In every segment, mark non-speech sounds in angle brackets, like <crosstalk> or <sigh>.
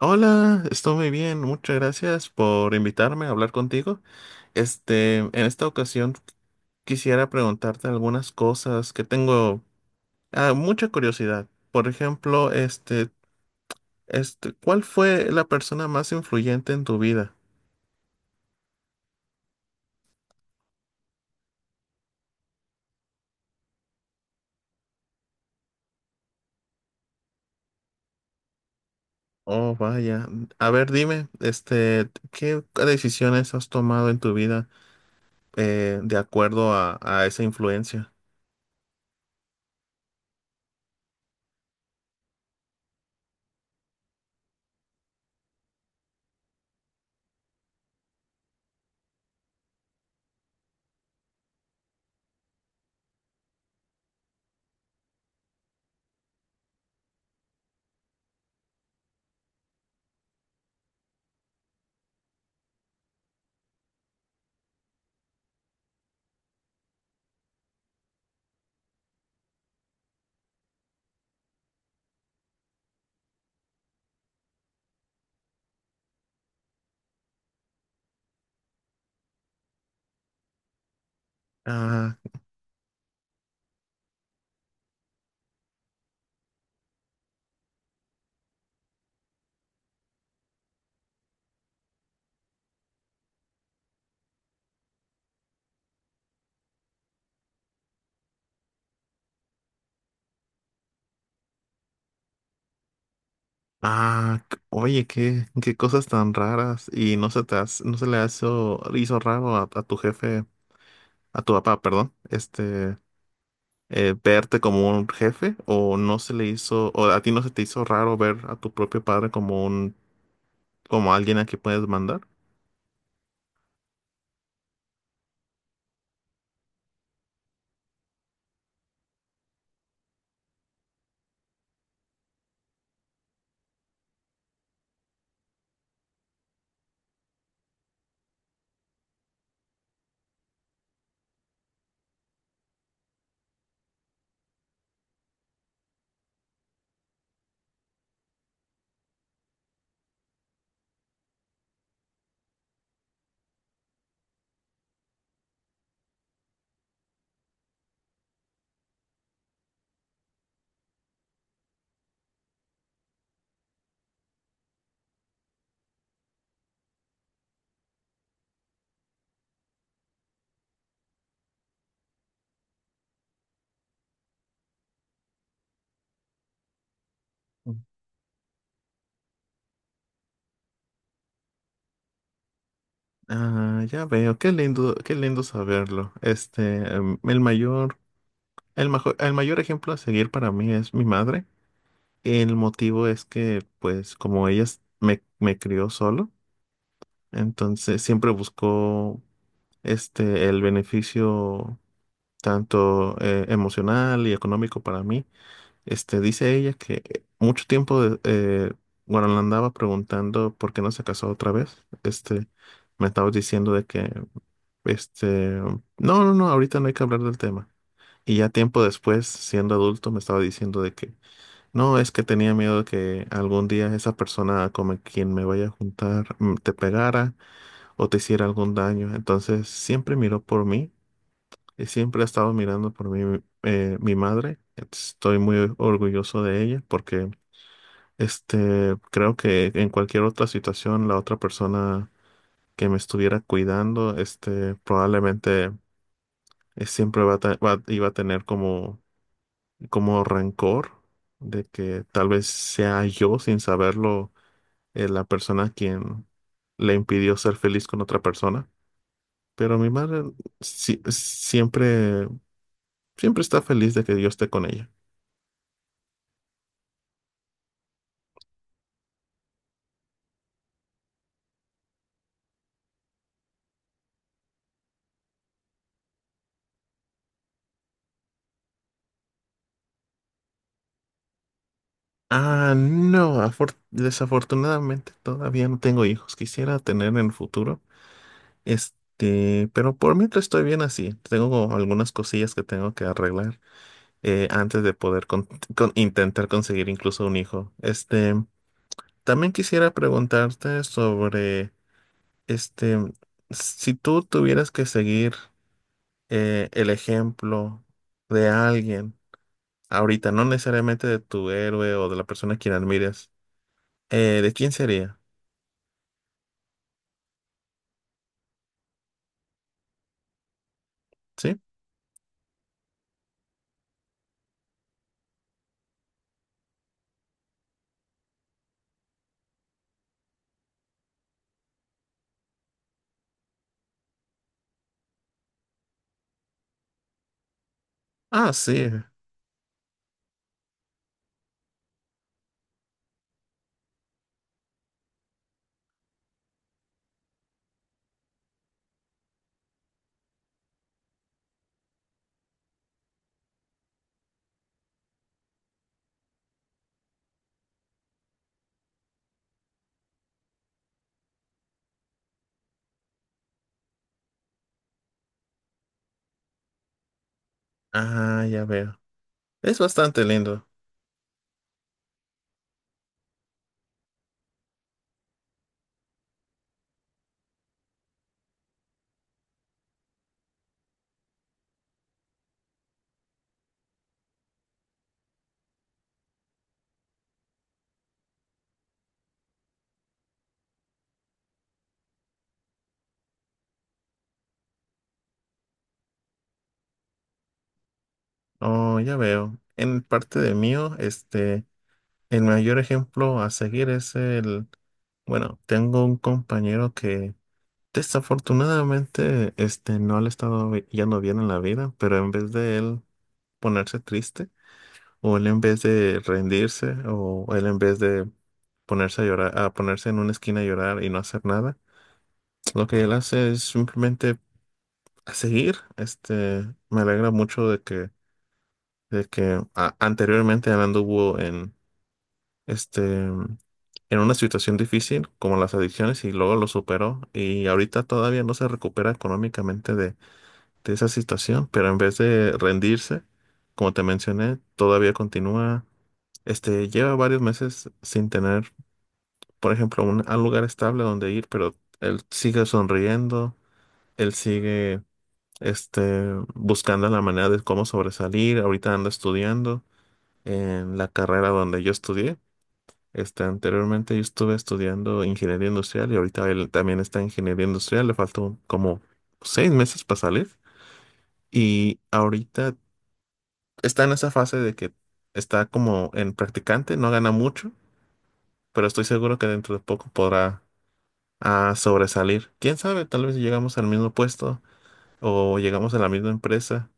Hola, estoy muy bien. Muchas gracias por invitarme a hablar contigo. En esta ocasión quisiera preguntarte algunas cosas que tengo mucha curiosidad. Por ejemplo, ¿cuál fue la persona más influyente en tu vida? Oh, vaya. A ver, dime, ¿qué decisiones has tomado en tu vida de acuerdo a esa influencia? Ah. Ah, oye, qué cosas tan raras. Y no se le hizo raro a tu jefe, a tu papá, perdón, verte como un jefe, o no se le hizo, o a ti no se te hizo raro ver a tu propio padre como alguien a quien puedes mandar. Ah, ya veo, qué lindo saberlo. Em, el mayor, el mayor ejemplo a seguir para mí es mi madre. El motivo es que, pues, como me crió solo, entonces siempre buscó el beneficio tanto emocional y económico para mí. Dice ella que bueno, le andaba preguntando por qué no se casó otra vez. Me estaba diciendo de que no, no, no, ahorita no hay que hablar del tema. Y ya tiempo después, siendo adulto, me estaba diciendo de que no, es que tenía miedo de que algún día esa persona con quien me vaya a juntar te pegara o te hiciera algún daño. Entonces siempre miró por mí y siempre ha estado mirando por mí mi madre. Estoy muy orgulloso de ella porque creo que en cualquier otra situación la otra persona que me estuviera cuidando, probablemente siempre va a, ta- va- iba a tener como rencor de que tal vez sea yo, sin saberlo, la persona quien le impidió ser feliz con otra persona. Pero mi madre sí- siempre, siempre está feliz de que yo esté con ella. Ah, no, desafortunadamente todavía no tengo hijos. Quisiera tener en el futuro. Pero por mientras estoy bien así. Tengo algunas cosillas que tengo que arreglar antes de poder intentar conseguir incluso un hijo. También quisiera preguntarte sobre, este, si tú tuvieras que seguir el ejemplo de alguien ahorita, no necesariamente de tu héroe o de la persona a quien admires, ¿de quién sería? ¿Sí? Ah, sí. Ah, ya veo. Es bastante lindo. Oh, ya veo. En parte de mío, el mayor ejemplo a seguir es el. Bueno, tengo un compañero que desafortunadamente no le ha estado yendo bien en la vida, pero en vez de él ponerse triste, o él en vez de rendirse, o él en vez de ponerse a llorar, a ponerse en una esquina a llorar y no hacer nada, lo que él hace es simplemente a seguir. Me alegra mucho de que anteriormente él anduvo en en una situación difícil como las adicciones y luego lo superó y ahorita todavía no se recupera económicamente de esa situación, pero en vez de rendirse, como te mencioné, todavía continúa, lleva varios meses sin tener, por ejemplo, un lugar estable donde ir, pero él sigue sonriendo, él sigue, buscando la manera de cómo sobresalir, ahorita anda estudiando en la carrera donde yo estudié. Anteriormente yo estuve estudiando ingeniería industrial y ahorita él también está en ingeniería industrial, le faltó como 6 meses para salir y ahorita está en esa fase de que está como en practicante, no gana mucho, pero estoy seguro que dentro de poco podrá sobresalir. ¿Quién sabe? Tal vez si llegamos al mismo puesto o llegamos a la misma empresa.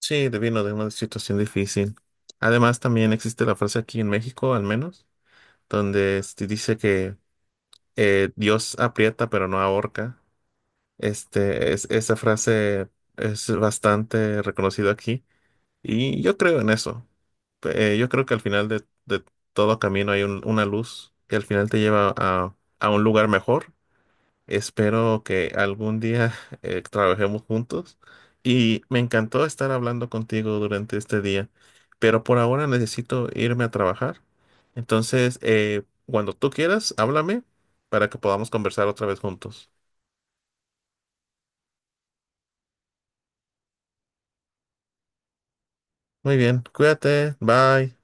Sí, vino de una situación difícil. Además, también existe la frase aquí en México, al menos, donde dice que Dios aprieta pero no ahorca. Esa frase es bastante reconocida aquí y yo creo en eso. Yo creo que al final de todo camino hay una luz que al final te lleva a un lugar mejor. Espero que algún día <laughs> trabajemos juntos y me encantó estar hablando contigo durante este día, pero por ahora necesito irme a trabajar. Entonces, cuando tú quieras, háblame para que podamos conversar otra vez juntos. Muy bien, cuídate, bye.